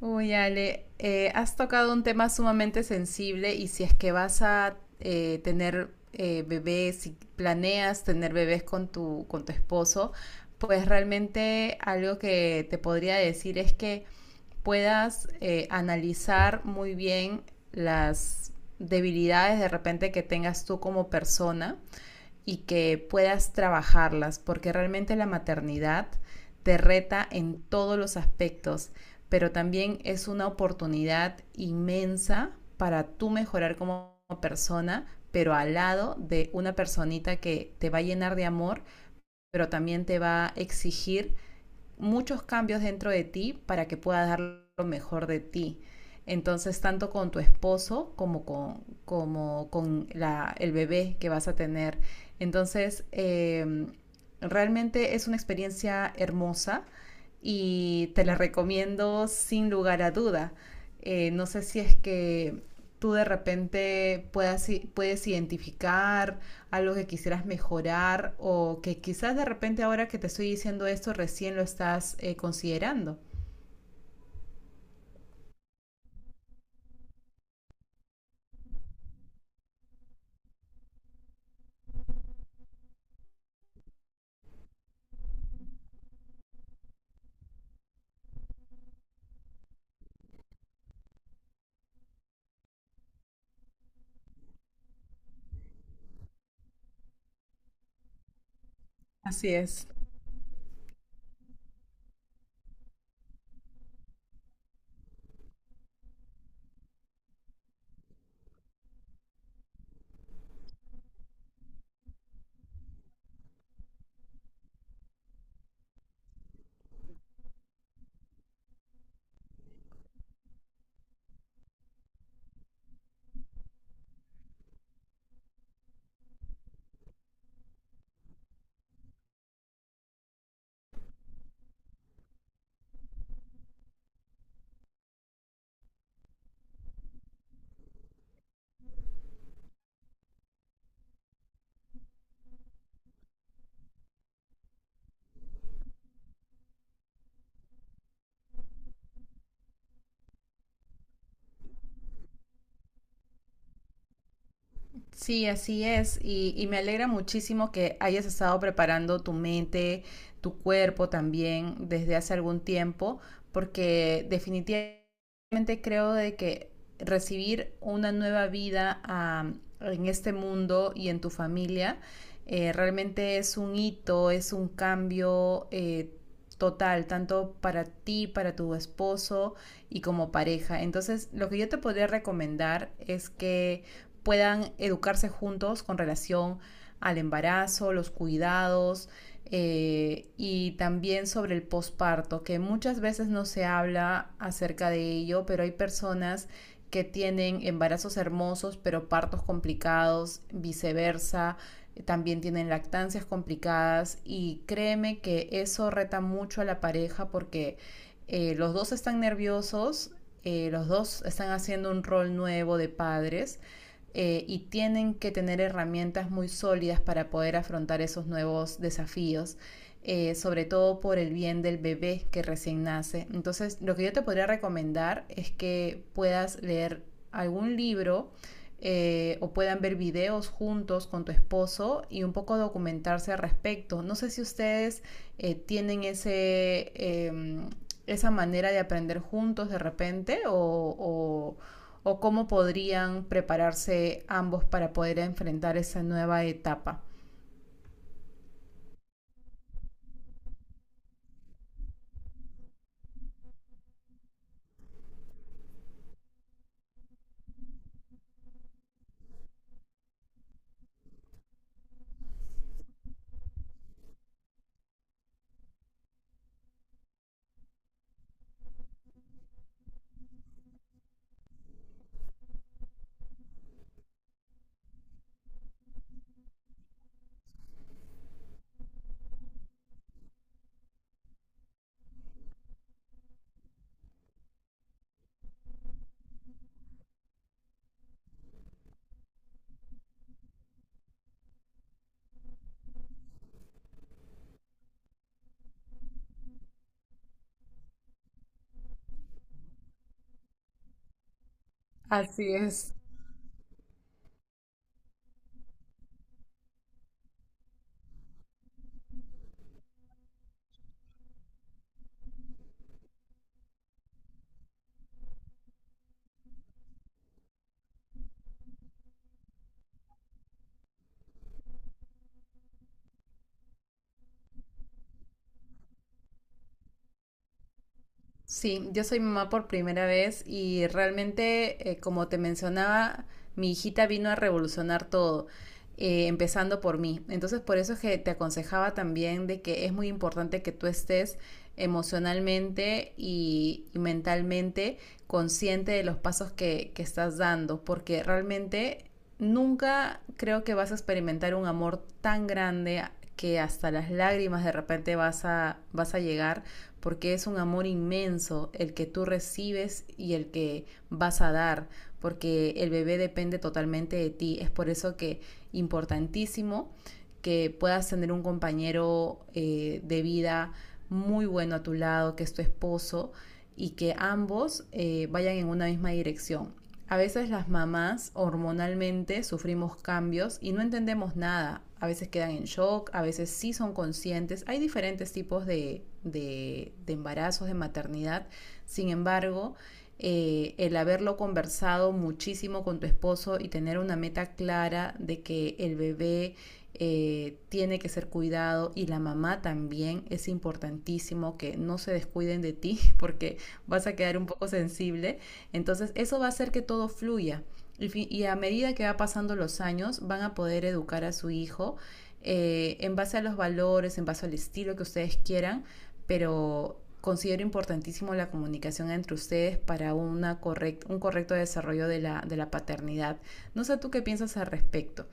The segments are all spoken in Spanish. Uy, Ale, has tocado un tema sumamente sensible y si es que vas a tener bebés, si planeas tener bebés con con tu esposo, pues realmente algo que te podría decir es que puedas analizar muy bien las debilidades de repente que tengas tú como persona y que puedas trabajarlas, porque realmente la maternidad te reta en todos los aspectos, pero también es una oportunidad inmensa para tú mejorar como persona, pero al lado de una personita que te va a llenar de amor, pero también te va a exigir muchos cambios dentro de ti para que puedas dar lo mejor de ti. Entonces, tanto con tu esposo como con el bebé que vas a tener. Entonces, realmente es una experiencia hermosa y te la recomiendo sin lugar a duda. No sé si es que tú de repente puedes identificar algo que quisieras mejorar o que quizás de repente ahora que te estoy diciendo esto recién lo estás considerando. Así es. Sí, así es. Y me alegra muchísimo que hayas estado preparando tu mente, tu cuerpo también desde hace algún tiempo, porque definitivamente creo de que recibir una nueva vida ah, en este mundo y en tu familia realmente es un hito, es un cambio total, tanto para ti, para tu esposo y como pareja. Entonces, lo que yo te podría recomendar es que puedan educarse juntos con relación al embarazo, los cuidados y también sobre el posparto, que muchas veces no se habla acerca de ello, pero hay personas que tienen embarazos hermosos pero partos complicados, viceversa, también tienen lactancias complicadas y créeme que eso reta mucho a la pareja porque los dos están nerviosos, los dos están haciendo un rol nuevo de padres y tienen que tener herramientas muy sólidas para poder afrontar esos nuevos desafíos. Sobre todo por el bien del bebé que recién nace. Entonces, lo que yo te podría recomendar es que puedas leer algún libro o puedan ver videos juntos con tu esposo y un poco documentarse al respecto. No sé si ustedes tienen esa manera de aprender juntos de repente o o cómo podrían prepararse ambos para poder enfrentar esa nueva etapa. Así es. Sí, yo soy mamá por primera vez y realmente, como te mencionaba, mi hijita vino a revolucionar todo, empezando por mí. Entonces, por eso es que te aconsejaba también de que es muy importante que tú estés emocionalmente y mentalmente consciente de los pasos que estás dando, porque realmente nunca creo que vas a experimentar un amor tan grande que hasta las lágrimas de repente vas a llegar porque es un amor inmenso el que tú recibes y el que vas a dar, porque el bebé depende totalmente de ti. Es por eso que importantísimo que puedas tener un compañero de vida muy bueno a tu lado, que es tu esposo, y que ambos vayan en una misma dirección. A veces las mamás hormonalmente sufrimos cambios y no entendemos nada. A veces quedan en shock, a veces sí son conscientes. Hay diferentes tipos de embarazos, de maternidad. Sin embargo, el haberlo conversado muchísimo con tu esposo y tener una meta clara de que el bebé tiene que ser cuidado y la mamá también es importantísimo que no se descuiden de ti porque vas a quedar un poco sensible entonces eso va a hacer que todo fluya. Y, a medida que va pasando los años, van a poder educar a su hijo en base a los valores, en base al estilo que ustedes quieran, pero considero importantísimo la comunicación entre ustedes para una un correcto desarrollo de la paternidad. No sé tú qué piensas al respecto.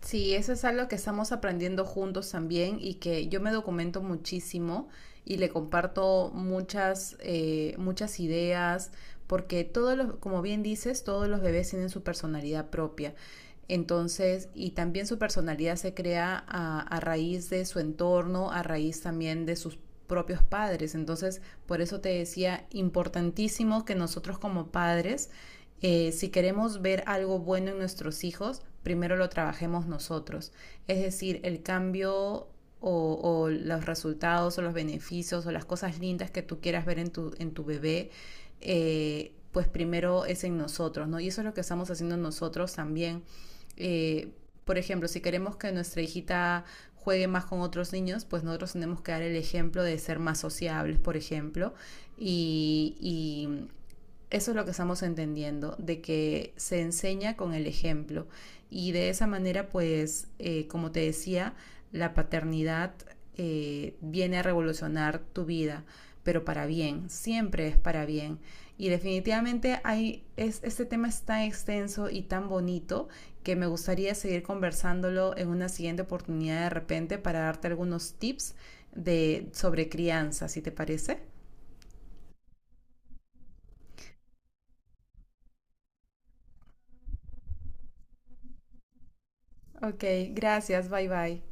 Sí, eso es algo que estamos aprendiendo juntos también y que yo me documento muchísimo y le comparto muchas, muchas ideas, porque todos los, como bien dices, todos los bebés tienen su personalidad propia. Entonces, y también su personalidad se crea a raíz de su entorno, a raíz también de sus propios padres. Entonces, por eso te decía, importantísimo que nosotros como padres si queremos ver algo bueno en nuestros hijos, primero lo trabajemos nosotros. Es decir, el cambio los resultados o los beneficios o las cosas lindas que tú quieras ver en tu bebé, pues primero es en nosotros, ¿no? Y eso es lo que estamos haciendo nosotros también. Eh, por ejemplo, si queremos que nuestra hijita juegue más con otros niños, pues nosotros tenemos que dar el ejemplo de ser más sociables, por ejemplo, y eso es lo que estamos entendiendo, de que se enseña con el ejemplo y de esa manera, pues, como te decía, la paternidad viene a revolucionar tu vida, pero para bien, siempre es para bien. Y definitivamente este tema es tan extenso y tan bonito que me gustaría seguir conversándolo en una siguiente oportunidad de repente para darte algunos tips de, sobre crianza, si te parece. Ok, gracias, bye bye.